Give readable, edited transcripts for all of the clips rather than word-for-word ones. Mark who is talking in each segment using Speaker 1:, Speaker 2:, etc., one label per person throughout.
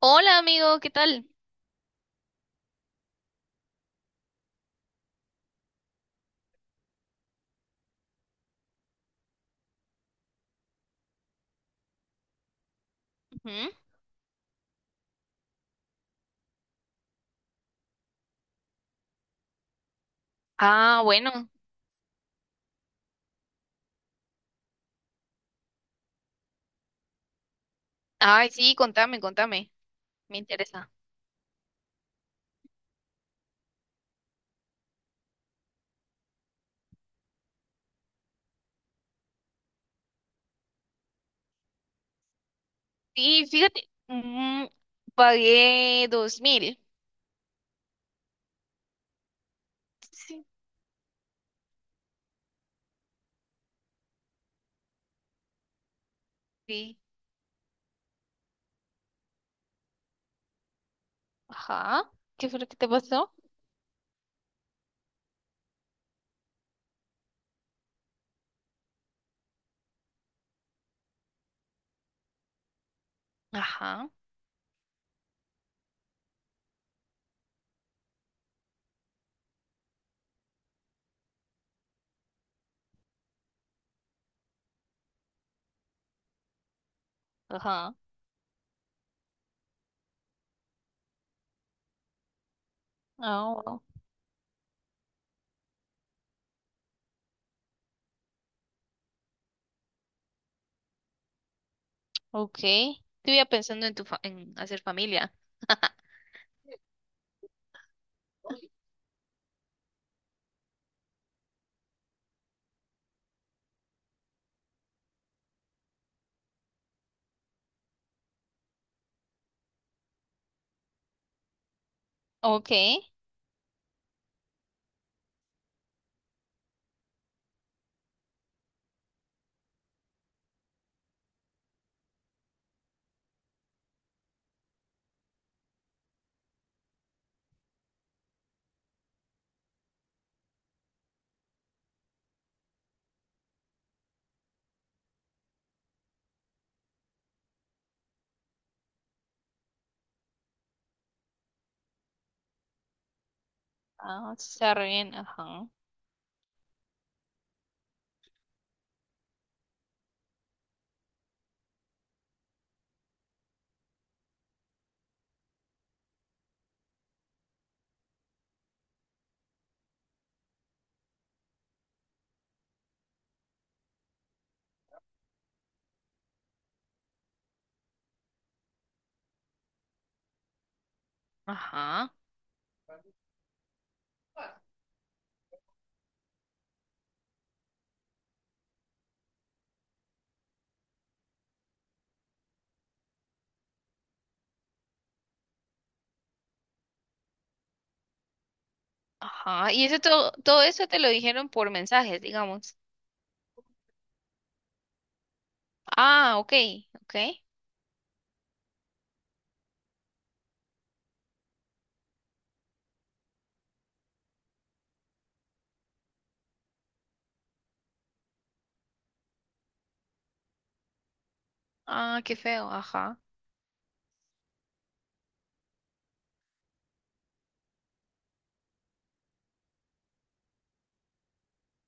Speaker 1: Hola amigo, ¿qué tal? Ujú. Ah, bueno. Ay, sí, contame, contame. Me interesa. Sí, fíjate, pagué 2000. Sí. Sí. Ajá. ¿Qué fue lo que te pasó? Ajá, ajá. Ah, bueno. Ok. Estuve pensando en hacer familia. Ok. Ah, sí, está re bien. Ajá. Ajá. Ajá. Y eso todo, todo eso te lo dijeron por mensajes, digamos. Ah, ok, ok. Ah, qué feo, ajá.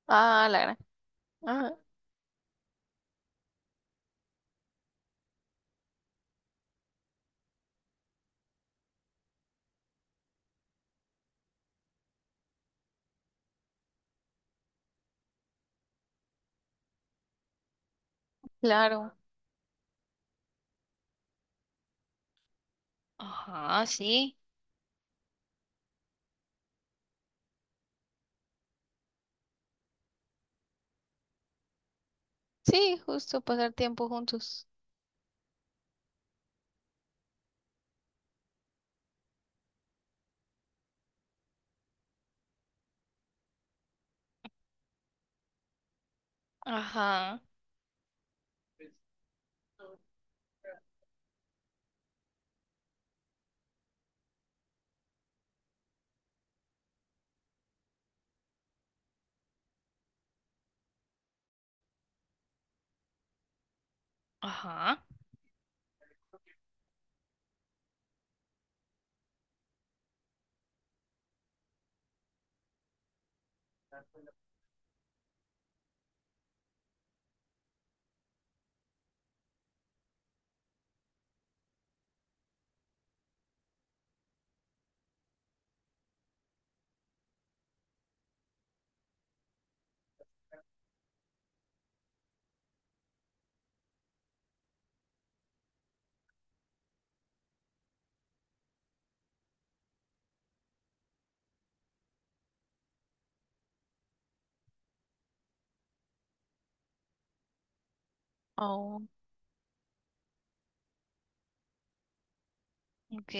Speaker 1: Ah, la gran. Ajá, claro. Ajá, sí. Sí, justo pasar tiempo juntos. Ajá, ajá. Oh. Ok.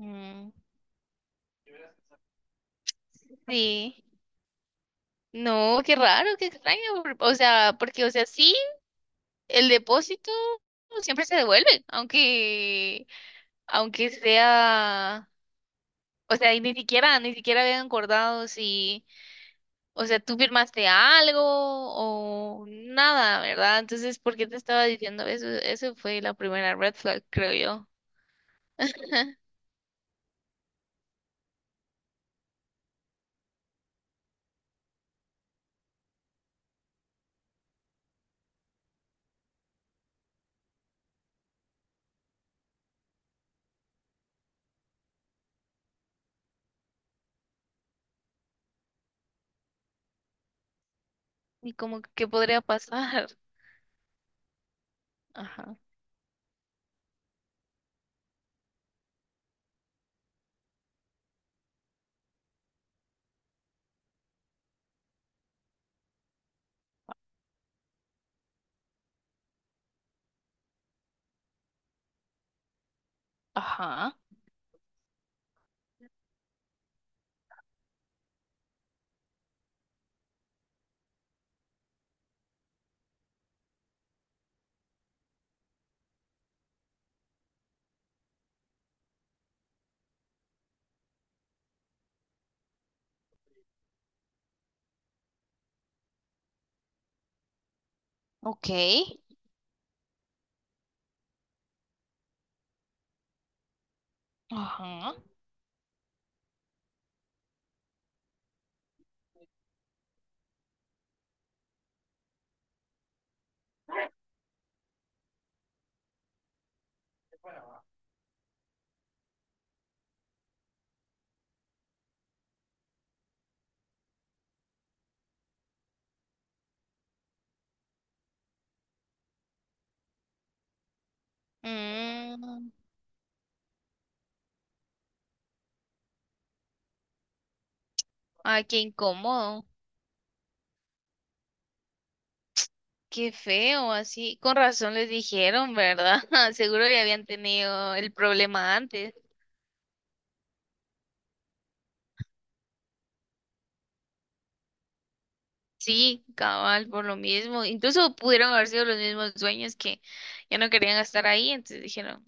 Speaker 1: Mm, sí. No, qué raro, qué extraño. O sea, porque, o sea, sí, el depósito siempre se devuelve, aunque, aunque sea, o sea, y ni siquiera, ni siquiera habían acordado si. O sea, tú firmaste algo o nada, ¿verdad? Entonces, ¿por qué te estaba diciendo eso? Eso fue la primera red flag, creo yo. Y como que ¿qué podría pasar? Ajá. Ajá. Ok. Ajá. Mm, ay, qué incómodo. Qué feo, así. Con razón les dijeron, ¿verdad? Seguro ya habían tenido el problema antes. Sí, cabal, por lo mismo. Incluso pudieron haber sido los mismos dueños que ya no querían estar ahí, entonces dijeron,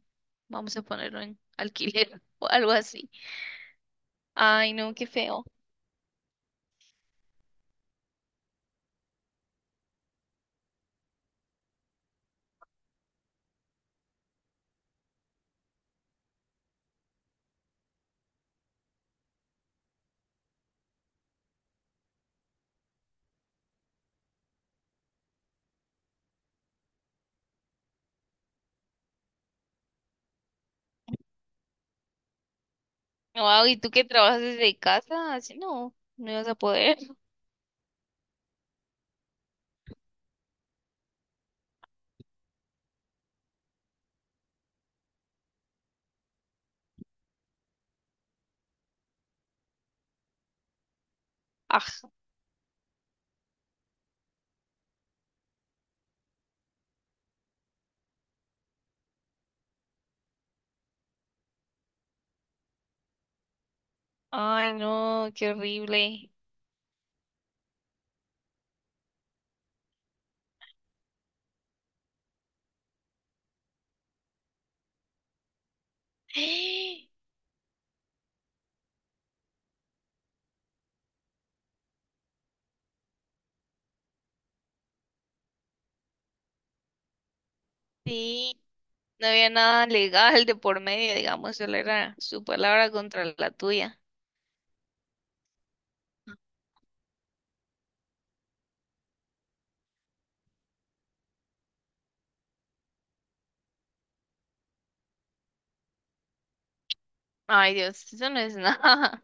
Speaker 1: vamos a ponerlo en alquiler o algo así. Ay, no, qué feo. Wow, ¿y tú que trabajas desde casa? Así no, no ibas a poder. Aj, ay, no, qué horrible. Sí, no había nada legal de por medio, digamos, solo era su palabra contra la tuya. Ay, Dios, eso no es nada.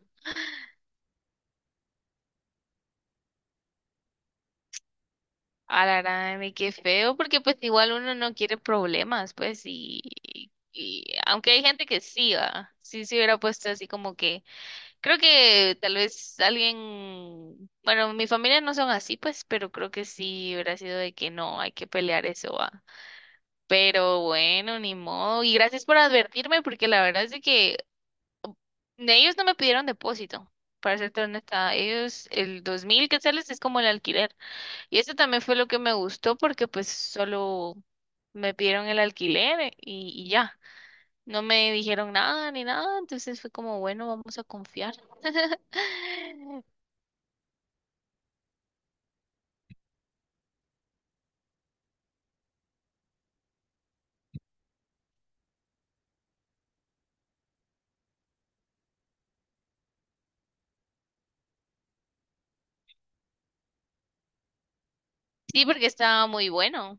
Speaker 1: A la gran, y qué feo, porque pues igual uno no quiere problemas, pues, y aunque hay gente que sí, va, sí se hubiera puesto así como que, creo que tal vez alguien, bueno, mi familia no son así, pues, pero creo que sí hubiera sido de que no, hay que pelear eso, va. Pero bueno, ni modo, y gracias por advertirme, porque la verdad es de que ellos no me pidieron depósito, para serte honesta, ellos, el 2000 quetzales es como el alquiler. Y eso también fue lo que me gustó porque pues solo me pidieron el alquiler y ya, no me dijeron nada ni nada, entonces fue como, bueno, vamos a confiar. Sí, porque estaba muy bueno.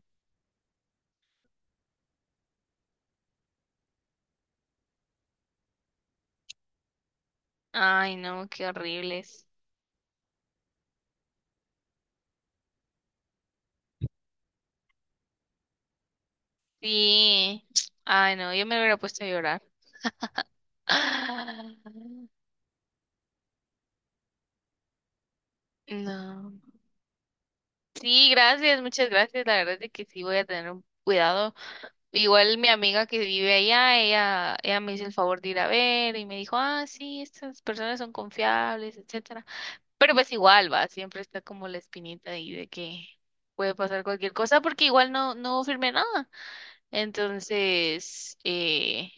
Speaker 1: Ay, no, qué horribles. Sí, ay, no, yo me hubiera puesto a llorar. Ah, no. Sí, gracias, muchas gracias. La verdad es de que sí voy a tener un cuidado. Igual mi amiga que vive allá, ella me hizo el favor de ir a ver y me dijo, ah, sí, estas personas son confiables, etcétera. Pero pues igual va, siempre está como la espinita ahí de que puede pasar cualquier cosa porque igual no, no firmé nada. Entonces,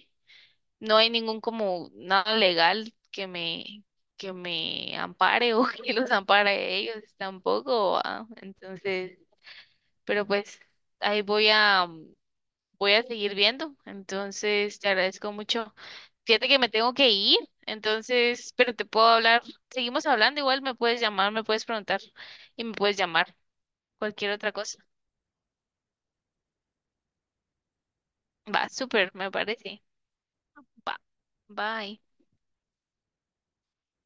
Speaker 1: no hay ningún como nada legal que me ampare o que los ampare a ellos tampoco, ¿va? Entonces, pero pues ahí voy a seguir viendo. Entonces, te agradezco mucho. Fíjate que me tengo que ir, entonces, pero te puedo hablar. Seguimos hablando, igual me puedes llamar, me puedes preguntar y me puedes llamar cualquier otra cosa. Va, súper, me parece. Va, bye.